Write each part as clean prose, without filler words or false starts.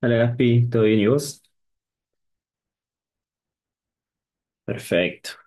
Hola Gaspi, ¿todo bien y vos? Perfecto.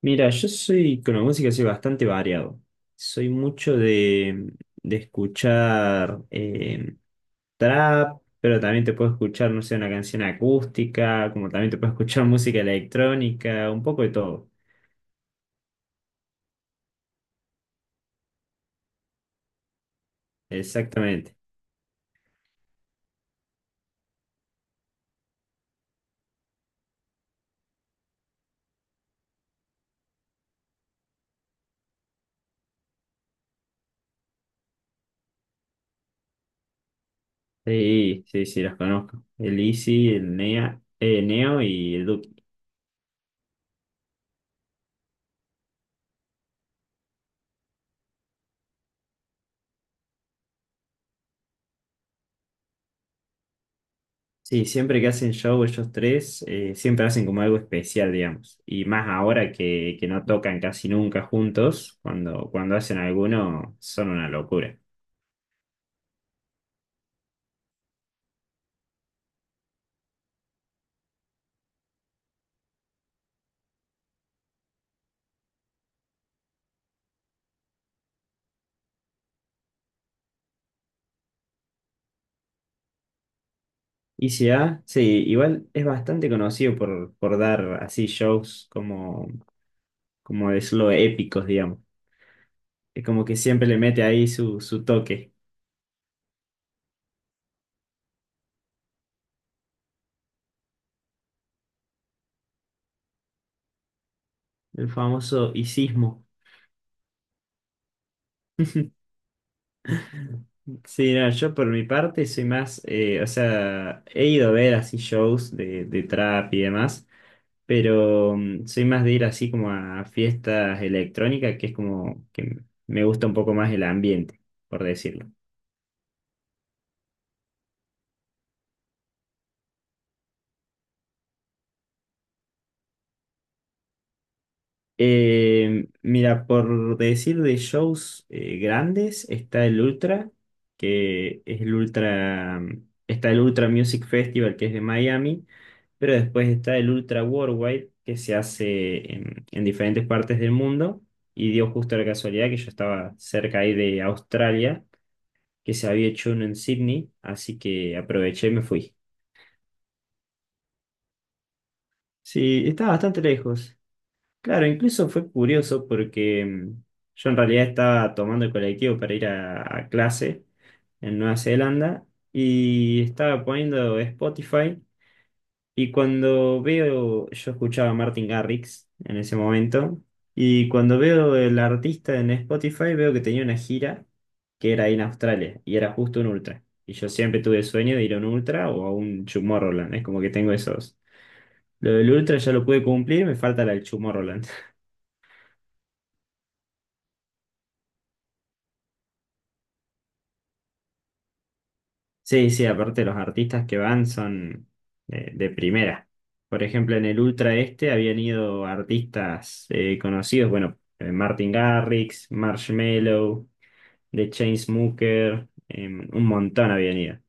Mira, yo soy con la música soy bastante variado. Soy mucho de escuchar trap, pero también te puedo escuchar, no sé, una canción acústica, como también te puedo escuchar música electrónica, un poco de todo. Exactamente. Sí, sí, sí, los conozco. El Easy, el Nea, Neo y el Duki. Sí, siempre que hacen show ellos tres, siempre hacen como algo especial, digamos. Y más ahora que no tocan casi nunca juntos, cuando hacen alguno, son una locura. Y si A, sí, igual es bastante conocido por dar así shows como, como decirlo, épicos, digamos. Es como que siempre le mete ahí su toque, el famoso icismo. Sí, no, yo por mi parte soy más, o sea, he ido a ver así shows de trap y demás, pero soy más de ir así como a fiestas electrónicas, que es como que me gusta un poco más el ambiente, por decirlo. Mira, por decir de shows grandes, está el Ultra, que es el Ultra, está el Ultra Music Festival, que es de Miami, pero después está el Ultra Worldwide, que se hace en diferentes partes del mundo, y dio justo la casualidad que yo estaba cerca ahí de Australia, que se había hecho uno en Sydney, así que aproveché y me fui. Sí, estaba bastante lejos. Claro, incluso fue curioso porque yo en realidad estaba tomando el colectivo para ir a clase en Nueva Zelanda y estaba poniendo Spotify. Y cuando veo, yo escuchaba a Martin Garrix en ese momento, y cuando veo el artista en Spotify veo que tenía una gira que era ahí en Australia, y era justo un ultra. Y yo siempre tuve el sueño de ir a un ultra o a un Tomorrowland, es como que tengo esos. Lo del ultra ya lo pude cumplir, me falta la del Tomorrowland. Sí, sí, aparte los artistas que van son de, primera. Por ejemplo, en el Ultra este habían ido artistas conocidos, bueno, Martin Garrix, Marshmello, de Chainsmokers, un montón habían ido.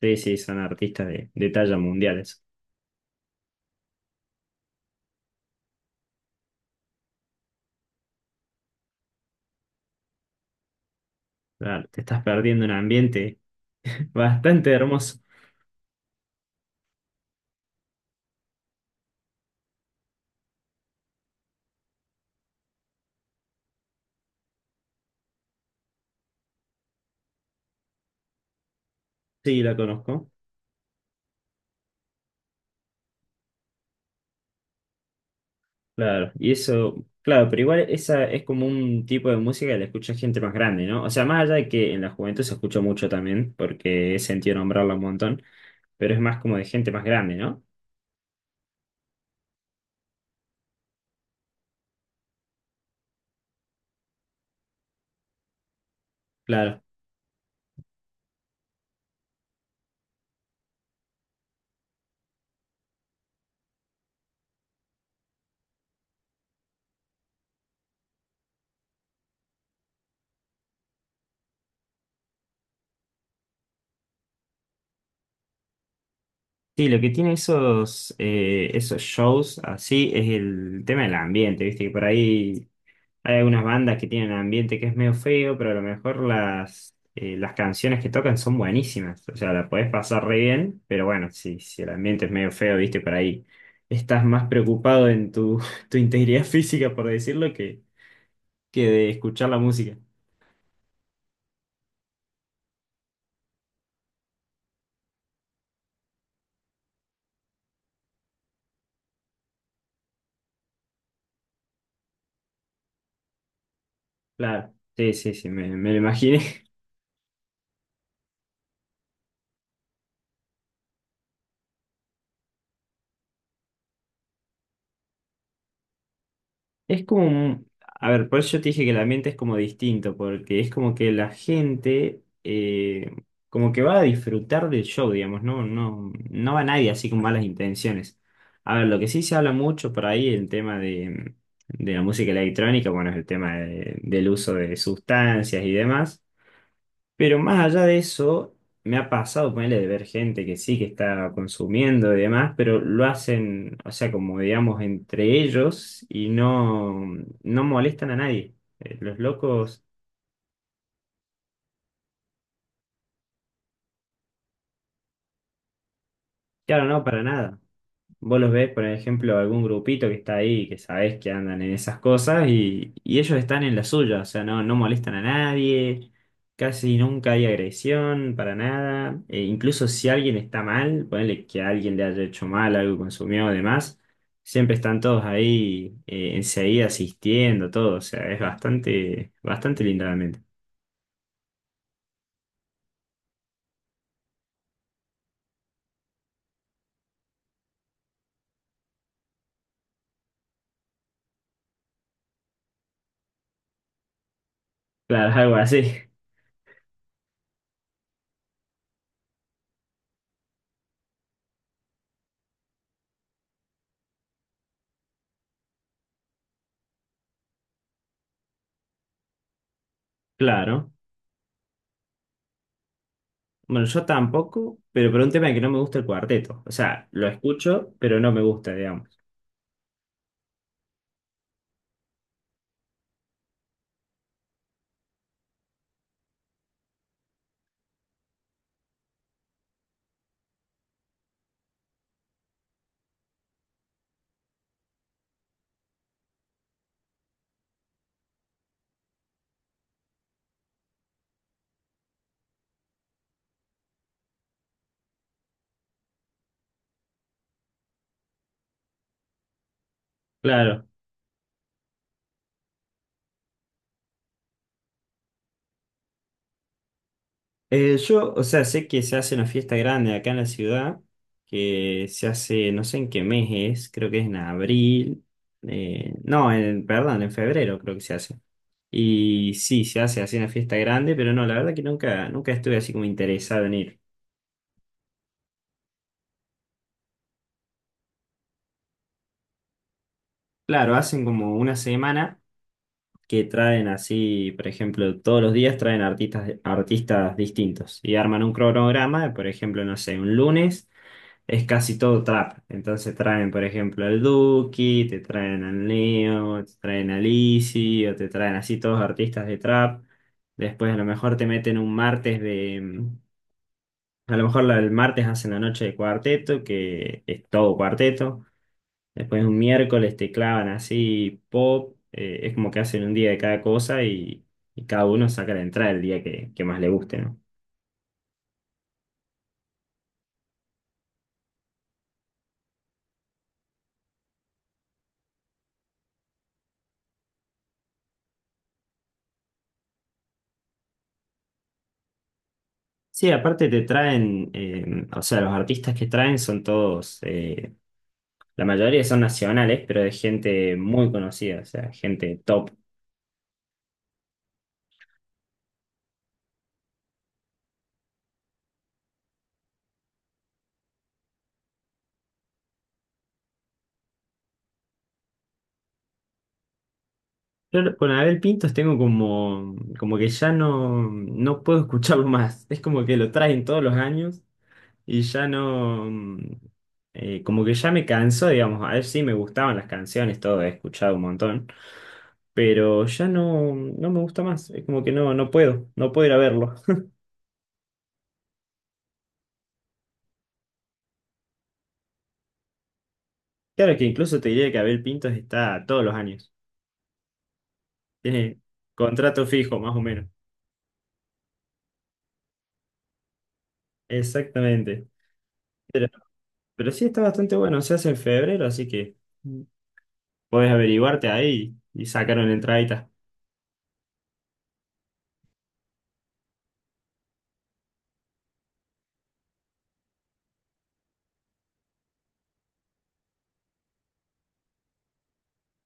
Sí, sí, son artistas de talla mundiales. Claro, te estás perdiendo un ambiente bastante hermoso. Sí, la conozco. Claro, y eso, claro, pero igual esa es como un tipo de música que la escucha gente más grande, ¿no? O sea, más allá de que en la juventud se escucha mucho también, porque he sentido nombrarla un montón, pero es más como de gente más grande, ¿no? Claro. Sí, lo que tiene esos, esos shows así es el tema del ambiente, ¿viste? Que por ahí hay algunas bandas que tienen ambiente que es medio feo, pero a lo mejor las canciones que tocan son buenísimas. O sea, la podés pasar re bien, pero bueno, si el ambiente es medio feo, viste, por ahí estás más preocupado en tu, tu integridad física, por decirlo, que de escuchar la música. Claro, sí, sí, sí, me lo imaginé. Es como, a ver, por eso yo te dije que el ambiente es como distinto, porque es como que la gente como que va a disfrutar del show, digamos, no, no, no va nadie así con malas intenciones. A ver, lo que sí se habla mucho por ahí, el tema de la música electrónica, bueno, es el tema del uso de sustancias y demás. Pero más allá de eso, me ha pasado ponerle de ver gente que sí que está consumiendo y demás, pero lo hacen, o sea, como digamos, entre ellos y no, no molestan a nadie. Los locos, claro, no, para nada. Vos los ves, por ejemplo, algún grupito que está ahí, que sabés que andan en esas cosas y ellos están en la suya, o sea, no, no molestan a nadie, casi nunca hay agresión para nada, e incluso si alguien está mal, ponele que alguien le haya hecho mal, algo consumió, o demás, siempre están todos ahí enseguida asistiendo, todo, o sea, es bastante, bastante lindo realmente. Claro, algo así, claro. Bueno, yo tampoco, pero por un tema de que no me gusta el cuarteto. O sea, lo escucho, pero no me gusta, digamos. Claro. Yo, o sea, sé que se hace una fiesta grande acá en la ciudad, que se hace, no sé en qué mes es, creo que es en abril, no, en, perdón, en febrero creo que se hace. Y sí, se hace así una fiesta grande, pero no, la verdad que nunca, nunca estuve así como interesado en ir. Claro, hacen como una semana que traen así, por ejemplo, todos los días traen artistas, artistas distintos y arman un cronograma, por ejemplo, no sé, un lunes es casi todo trap. Entonces traen, por ejemplo, al Duki, te traen al Neo, te traen a Lizzy, o te traen así todos artistas de trap. Después a lo mejor te meten un martes de a lo mejor el martes hacen la noche de cuarteto, que es todo cuarteto. Después un miércoles te clavan así pop. Es como que hacen un día de cada cosa y cada uno saca la entrada el día que más le guste, ¿no? Sí, aparte te traen, o sea, los artistas que traen son todos, la mayoría son nacionales, pero de gente muy conocida, o sea, gente top. Yo con Abel Pintos tengo como, como que ya no, no puedo escucharlo más. Es como que lo traen todos los años y ya no, como que ya me cansó, digamos. A ver si me gustaban las canciones, todo, he escuchado un montón, pero ya no, no me gusta más. Es como que no, no puedo, no puedo ir a verlo. Claro que incluso te diría que Abel Pintos está todos los años. Tiene contrato fijo, más o menos. Exactamente. Pero sí está bastante bueno, se hace en febrero, así que podés averiguarte ahí y sacaron entradita.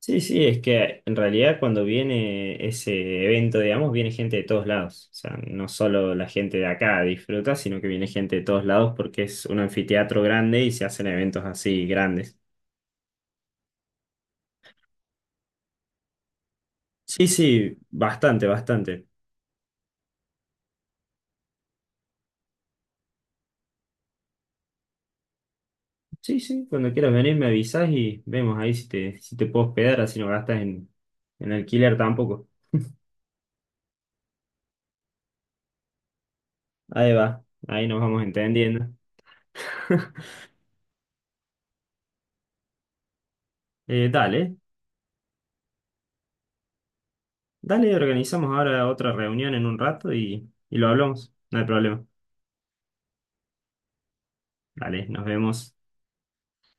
Sí, sí, es que en realidad cuando viene ese evento, digamos, viene gente de todos lados. O sea, no solo la gente de acá disfruta, sino que viene gente de todos lados porque es un anfiteatro grande y se hacen eventos así grandes. Sí, sí, bastante, bastante. Sí, sí, cuando quieras venir me avisas y vemos ahí si te, si te puedo hospedar, así no gastas en alquiler tampoco. Ahí va, ahí nos vamos entendiendo. Dale, dale, organizamos ahora otra reunión en un rato y lo hablamos. No hay problema. Dale, nos vemos.